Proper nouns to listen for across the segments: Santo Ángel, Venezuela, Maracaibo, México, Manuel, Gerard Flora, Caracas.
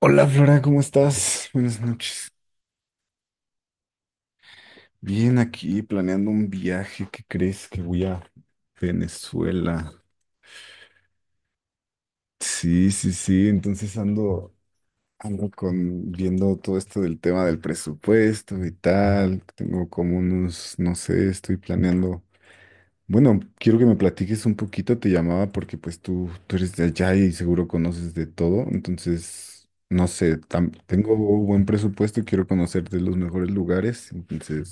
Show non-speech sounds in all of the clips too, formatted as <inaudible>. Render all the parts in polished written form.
Hola Flora, ¿cómo estás? Buenas noches. Bien, aquí planeando un viaje. ¿Qué crees? Que voy a Venezuela. Sí, sí, sí. Entonces ando con viendo todo esto del tema del presupuesto y tal. Tengo como unos, no sé, estoy planeando. Bueno, quiero que me platiques un poquito. Te llamaba porque pues tú eres de allá y seguro conoces de todo. Entonces, no sé, tengo buen presupuesto. Quiero conocer de los mejores lugares. Entonces.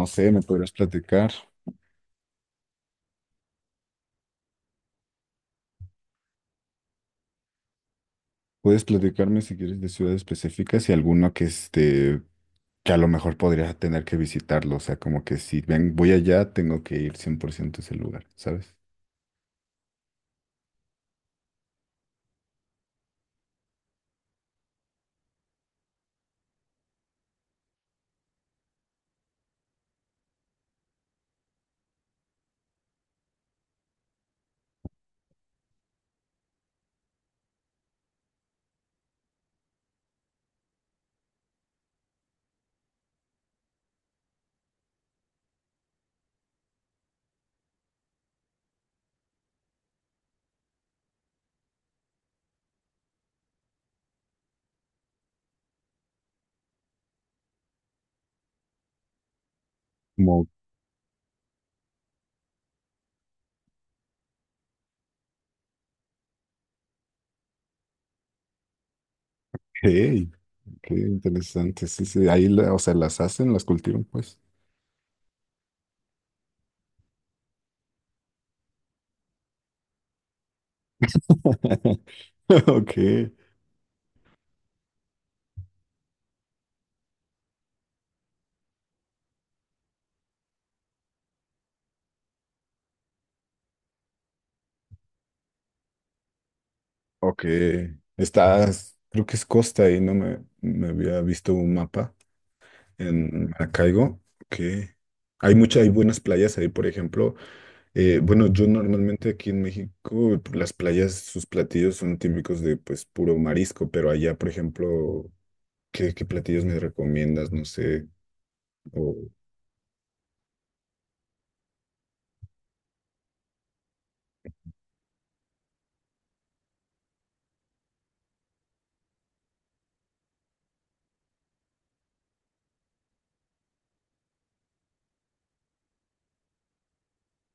No sé, me podrás platicar. Puedes platicarme si quieres de ciudades específicas y alguno que este, que a lo mejor podría tener que visitarlo. O sea, como que si ven, voy allá, tengo que ir 100% a ese lugar, ¿sabes? Como, ok, qué interesante. Sí, sí, ahí, o sea, las hacen, las cultivan, pues. <laughs> Ok, ok. Estás, creo que es costa ahí, no me, me había visto un mapa en Maracaibo. Ok. Hay muchas, hay buenas playas ahí, por ejemplo. Bueno, yo normalmente aquí en México, las playas, sus platillos son típicos de pues puro marisco, pero allá, por ejemplo, ¿qué platillos me recomiendas? No sé. O...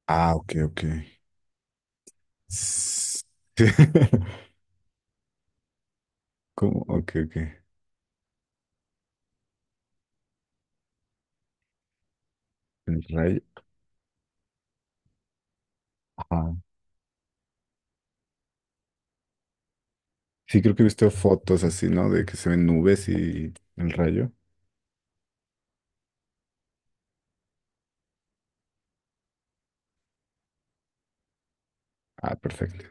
Ah, ok, ok. S- <laughs> ¿Cómo? Ok, ok. El rayo. Ajá. Sí, creo que he visto fotos así, ¿no? De que se ven nubes y el rayo. Ah, perfecto.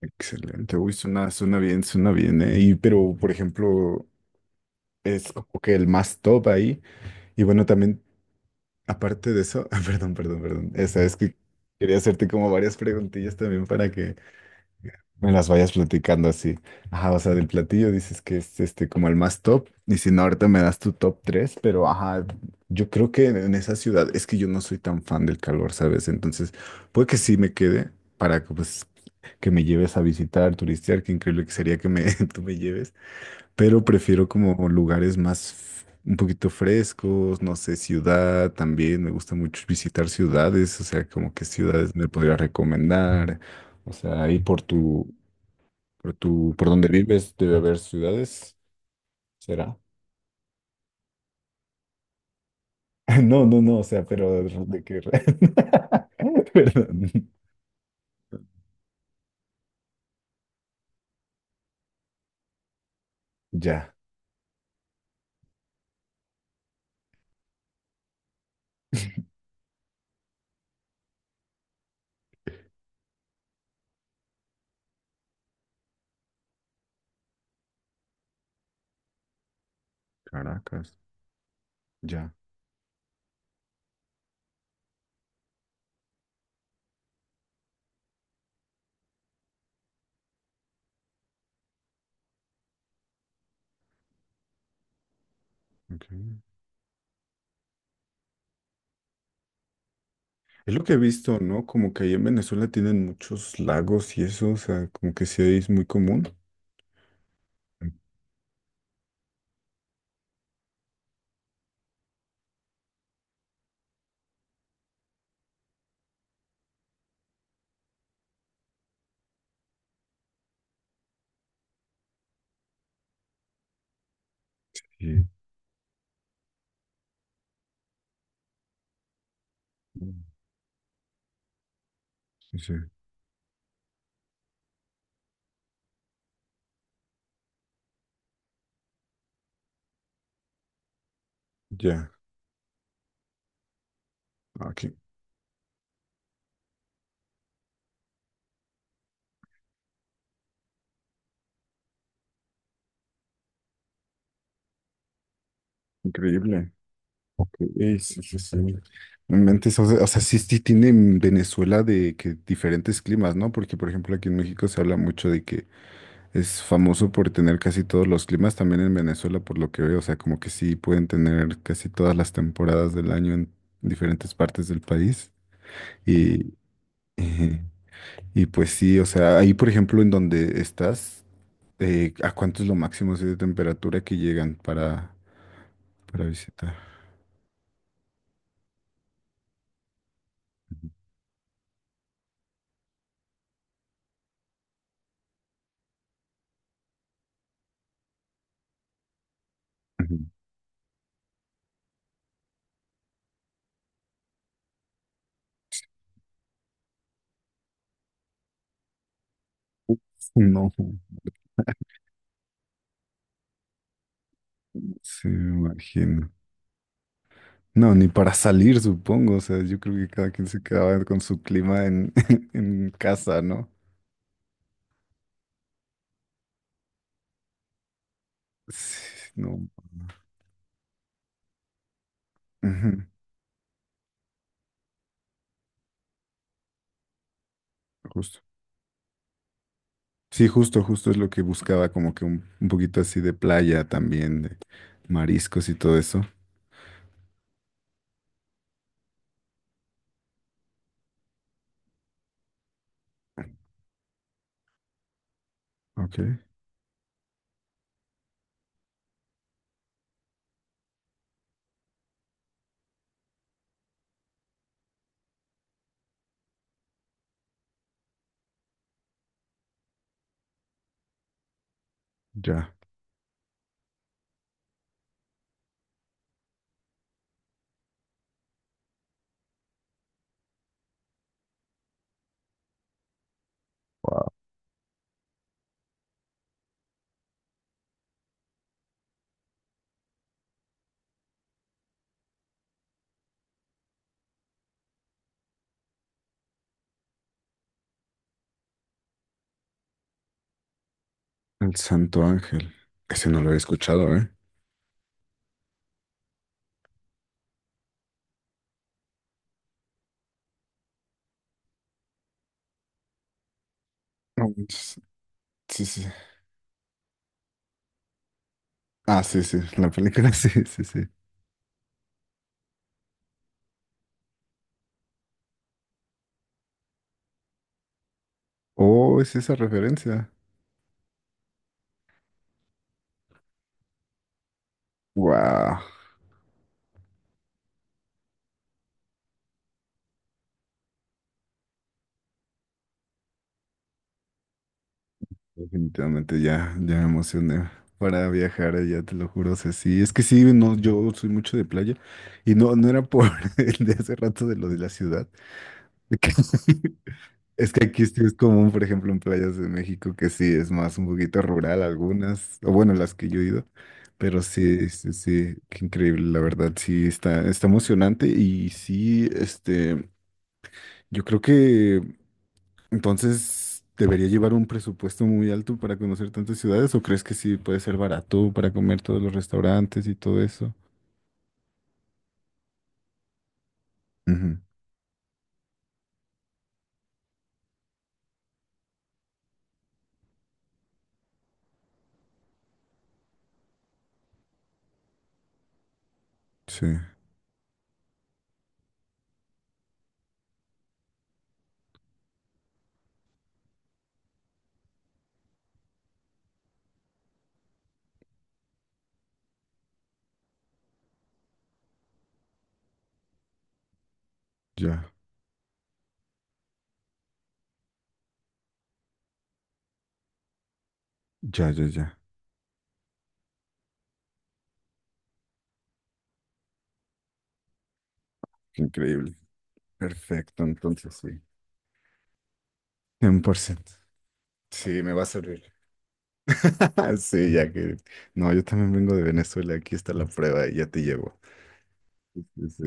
Excelente. Uy, suena bien, suena bien, ¿eh? Y, pero, por ejemplo, es como que el más top ahí. Y bueno, también aparte de eso, <laughs> ah, perdón, perdón, perdón. Esa es que quería hacerte como varias preguntillas también para que me las vayas platicando así. Ajá, o sea, del platillo dices que es este como el más top. Y si no, ahorita me das tu top 3, pero ajá, yo creo que en esa ciudad es que yo no soy tan fan del calor, ¿sabes? Entonces, puede que sí me quede para que pues que me lleves a visitar, turistear, qué increíble que sería que me <laughs> tú me lleves, pero prefiero como lugares más un poquito frescos, no sé, ciudad también, me gusta mucho visitar ciudades, o sea, como qué ciudades me podría recomendar, o sea, ahí por tu, por donde vives debe haber ciudades, ¿será? <laughs> No, no, no, o sea, pero de qué... re- <laughs> Perdón. Ya, Caracas, ya. Ok. Es lo que he visto, ¿no? Como que ahí en Venezuela tienen muchos lagos y eso, o sea, como que sí es muy común. Sí. Sí, sí. Ya, ah, qué increíble. Ok, sí, sí, sí. No inventes, o sea, sí, sí tiene en Venezuela de que diferentes climas, ¿no? Porque, por ejemplo, aquí en México se habla mucho de que es famoso por tener casi todos los climas, también en Venezuela, por lo que veo, o sea, como que sí pueden tener casi todas las temporadas del año en diferentes partes del país. Y, eh, y pues sí, o sea, ahí, por ejemplo, en donde estás, ¿a cuánto es lo máximo así de temperatura que llegan para visitar? Ujú. No, sí, me imagino. No, ni para salir, supongo. O sea, yo creo que cada quien se quedaba con su clima en, <laughs> en casa, ¿no? Sí, no. Ujú, justo. Sí, justo es lo que buscaba, como que un poquito así de playa también, de mariscos y todo eso. Ok, ya. Wow. El Santo Ángel. Ese no lo había escuchado, ¿eh? No manches. Sí, sí, sí. Ah, sí, sí. La película, <laughs> sí, sí, sí. Oh, es esa referencia. Wow. Definitivamente ya, ya me emocioné para viajar allá, te lo juro. O sea, sí, es que sí, no, yo soy mucho de playa y no, no era por <laughs> el de hace rato de lo de la ciudad. De que- <laughs> Es que aquí sí es común, por ejemplo, en playas de México, que sí es más un poquito rural algunas, o bueno, las que yo he ido, pero sí, sí, sí, qué increíble, la verdad, sí, está, está emocionante y sí, este, yo creo que entonces, ¿debería llevar un presupuesto muy alto para conocer tantas ciudades o crees que sí puede ser barato para comer todos los restaurantes y todo eso? Ujú, sí, ya, ya, ya, ya. Qué increíble. Perfecto, entonces sí. 100%. Sí, me va a servir. <laughs> Sí, ya que... No, yo también vengo de Venezuela, aquí está la prueba y ya te llevo. Sí, sí.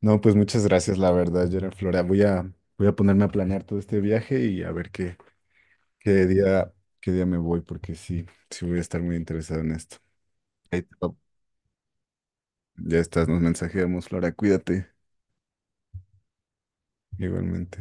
No, pues muchas gracias, la verdad, Gerard Flora. Voy a, voy a ponerme a planear todo este viaje y a ver qué, ¿qué día, qué día me voy? Porque sí, sí voy a estar muy interesado en esto. Ahí te va. Ya estás, nos mensajeamos, Flora, cuídate. Igualmente.